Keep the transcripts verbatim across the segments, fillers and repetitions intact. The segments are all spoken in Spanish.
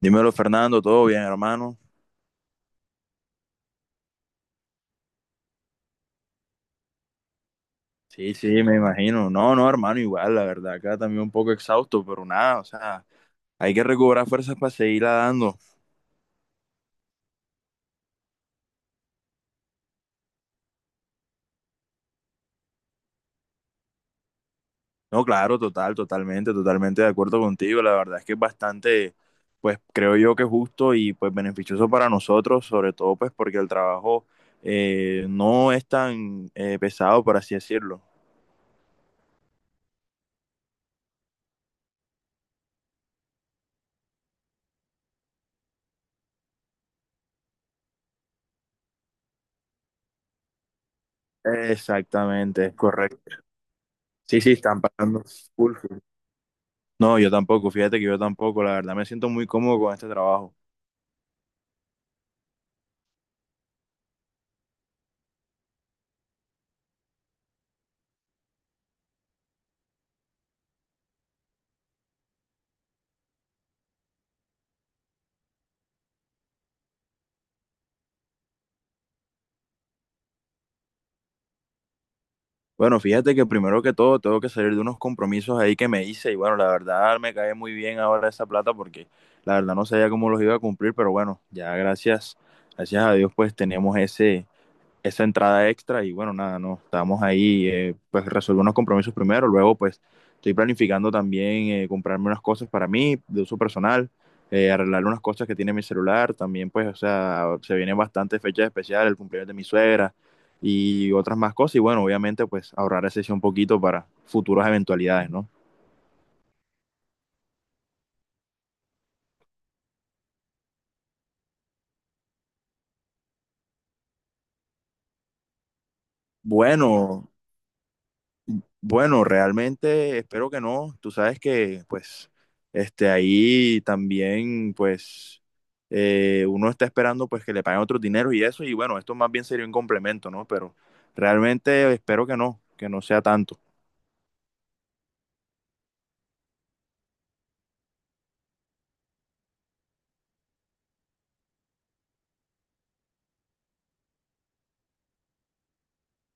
Dímelo, Fernando, ¿todo bien, hermano? Sí, sí, me imagino. No, no, hermano, igual, la verdad, acá también un poco exhausto, pero nada, o sea, hay que recobrar fuerzas para seguirla dando. No, claro, total, totalmente, totalmente de acuerdo contigo. La verdad es que es bastante, pues creo yo que justo y pues beneficioso para nosotros, sobre todo pues porque el trabajo eh, no es tan eh, pesado, por así decirlo. Exactamente, es correcto. Sí, sí, están pagando full. No, yo tampoco, fíjate que yo tampoco, la verdad me siento muy cómodo con este trabajo. Bueno, fíjate que primero que todo tengo que salir de unos compromisos ahí que me hice y bueno, la verdad me cae muy bien ahora esa plata porque la verdad no sabía cómo los iba a cumplir, pero bueno, ya gracias, gracias a Dios pues tenemos ese esa entrada extra y bueno, nada, no, estábamos ahí, eh, pues resolver unos compromisos primero, luego pues estoy planificando también eh, comprarme unas cosas para mí, de uso personal, eh, arreglar unas cosas que tiene mi celular, también pues, o sea, se vienen bastantes fechas especiales, el cumpleaños de mi suegra y otras más cosas y bueno, obviamente pues ahorrar ese sí un poquito para futuras eventualidades, ¿no? Bueno, bueno, realmente espero que no. Tú sabes que, pues, este, ahí también, pues, eh, uno está esperando, pues, que le paguen otros dineros y eso. Y bueno, esto más bien sería un complemento, ¿no? Pero realmente espero que no, que no sea tanto.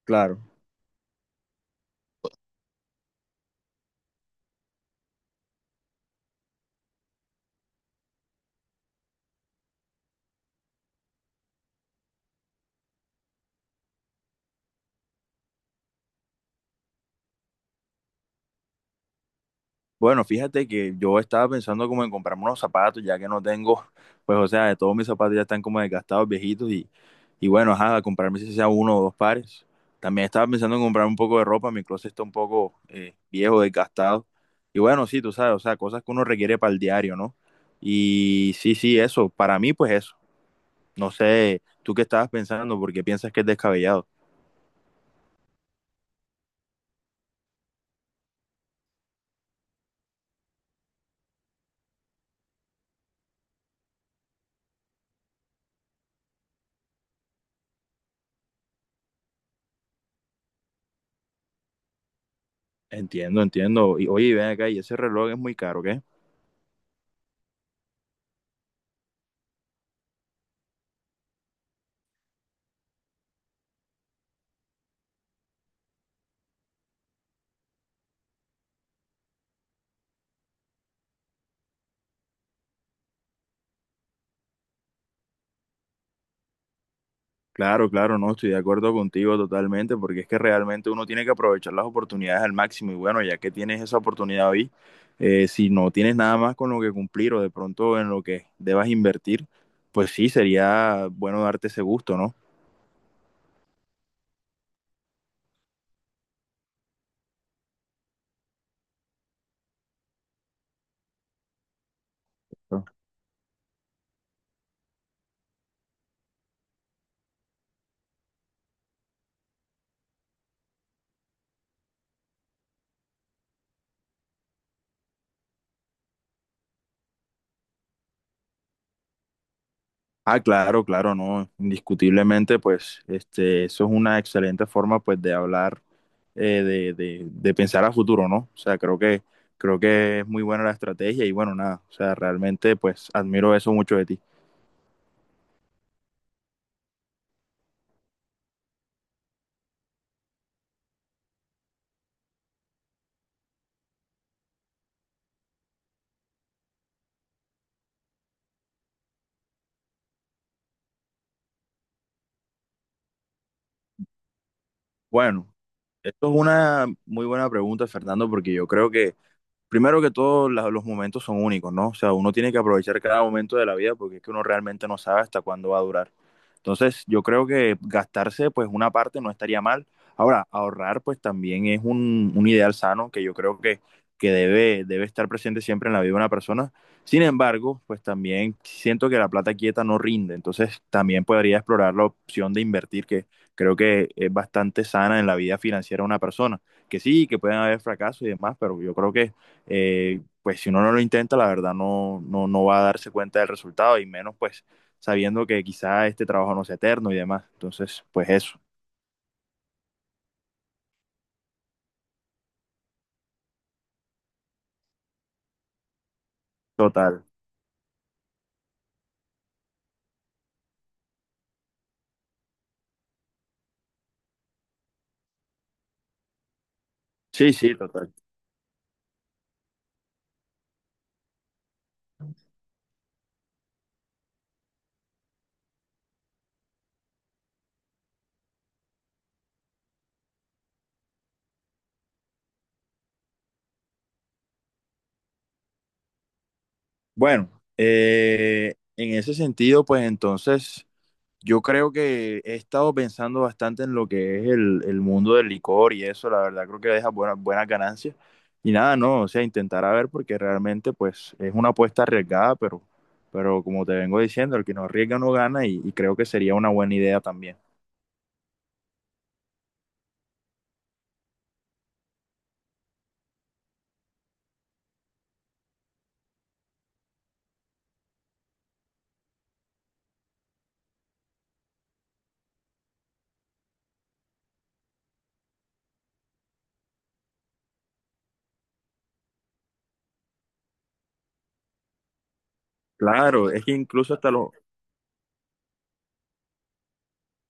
Claro. Bueno, fíjate que yo estaba pensando como en comprarme unos zapatos, ya que no tengo, pues, o sea, todos mis zapatos ya están como desgastados, viejitos, y, y bueno, ajá, comprarme si sea uno o dos pares. También estaba pensando en comprar un poco de ropa, mi closet está un poco eh, viejo, desgastado. Y bueno, sí, tú sabes, o sea, cosas que uno requiere para el diario, ¿no? Y sí, sí, eso, para mí, pues eso. No sé, tú qué estabas pensando, porque piensas que es descabellado. Entiendo, entiendo. Y oye, ven acá, ¿y ese reloj es muy caro, qué? Claro, claro, no, estoy de acuerdo contigo totalmente, porque es que realmente uno tiene que aprovechar las oportunidades al máximo y bueno, ya que tienes esa oportunidad hoy, eh, si no tienes nada más con lo que cumplir o de pronto en lo que debas invertir, pues sí, sería bueno darte ese gusto, ¿no? Ah, claro, claro, no, indiscutiblemente, pues, este, eso es una excelente forma, pues, de hablar, eh, de, de, de pensar a futuro, ¿no? O sea, creo que, creo que es muy buena la estrategia y bueno, nada, o sea, realmente, pues, admiro eso mucho de ti. Bueno, esto es una muy buena pregunta, Fernando, porque yo creo que primero que todo, la- los momentos son únicos, ¿no? O sea, uno tiene que aprovechar cada momento de la vida porque es que uno realmente no sabe hasta cuándo va a durar. Entonces, yo creo que gastarse, pues, una parte no estaría mal. Ahora, ahorrar, pues, también es un, un ideal sano que yo creo que, que debe, debe estar presente siempre en la vida de una persona. Sin embargo, pues, también siento que la plata quieta no rinde. Entonces, también podría explorar la opción de invertir, que creo que es bastante sana en la vida financiera de una persona. Que sí, que pueden haber fracasos y demás, pero yo creo que eh, pues si uno no lo intenta, la verdad no, no, no va a darse cuenta del resultado y menos pues sabiendo que quizá este trabajo no sea eterno y demás. Entonces, pues eso, total. Sí, sí, total. Bueno, eh, en ese sentido, pues entonces... Yo creo que he estado pensando bastante en lo que es el, el mundo del licor y eso, la verdad creo que deja buenas buenas ganancias. Y nada, no, o sea, intentar a ver porque realmente pues es una apuesta arriesgada, pero, pero como te vengo diciendo, el que no arriesga no gana y, y creo que sería una buena idea también. Claro, es que incluso hasta los,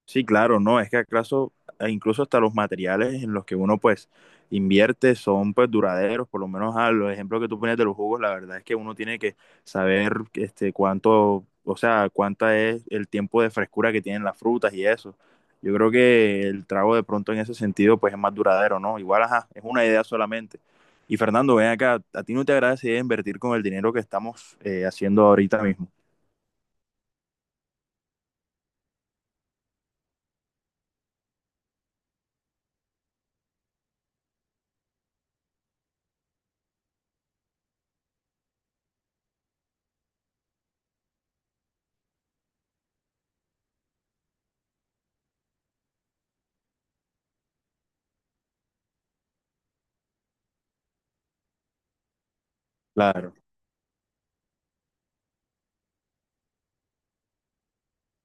sí, claro, no, es que acaso e incluso hasta los materiales en los que uno pues invierte son pues duraderos, por lo menos a los ejemplos que tú pones de los jugos, la verdad es que uno tiene que saber este cuánto, o sea, cuánta es el tiempo de frescura que tienen las frutas y eso. Yo creo que el trago de pronto en ese sentido pues es más duradero, ¿no? Igual, ajá, es una idea solamente. Y Fernando, ven acá, ¿a ti no te agrada esa idea de invertir con el dinero que estamos eh, haciendo ahorita mismo? Claro.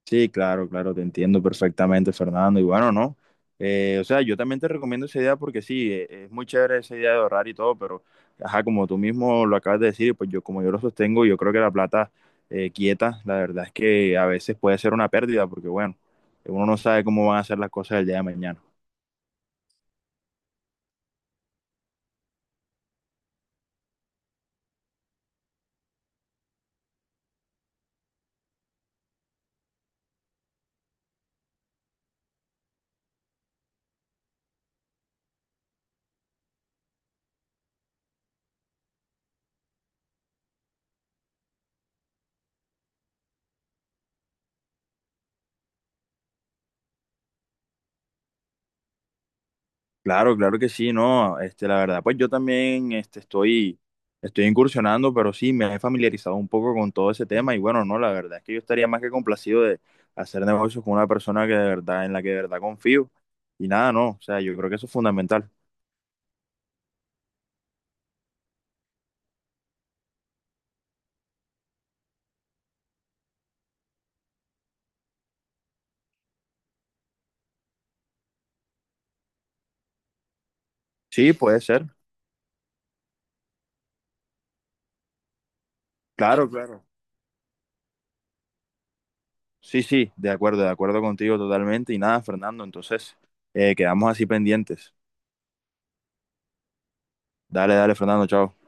Sí, claro, claro, te entiendo perfectamente, Fernando. Y bueno, no. Eh, o sea, yo también te recomiendo esa idea porque sí, eh, es muy chévere esa idea de ahorrar y todo, pero, ajá, como tú mismo lo acabas de decir, pues yo, como yo lo sostengo, yo creo que la plata eh, quieta, la verdad es que a veces puede ser una pérdida porque, bueno, uno no sabe cómo van a ser las cosas el día de mañana. Claro, claro que sí, no, este, la verdad, pues yo también, este, estoy, estoy incursionando, pero sí, me he familiarizado un poco con todo ese tema y bueno, no, la verdad es que yo estaría más que complacido de hacer negocios con una persona que de verdad, en la que de verdad confío y nada, no, o sea, yo creo que eso es fundamental. Sí, puede ser, claro, claro. Sí, sí, de acuerdo, de acuerdo contigo totalmente y nada, Fernando, entonces, eh, quedamos así pendientes. Dale, dale, Fernando, chao.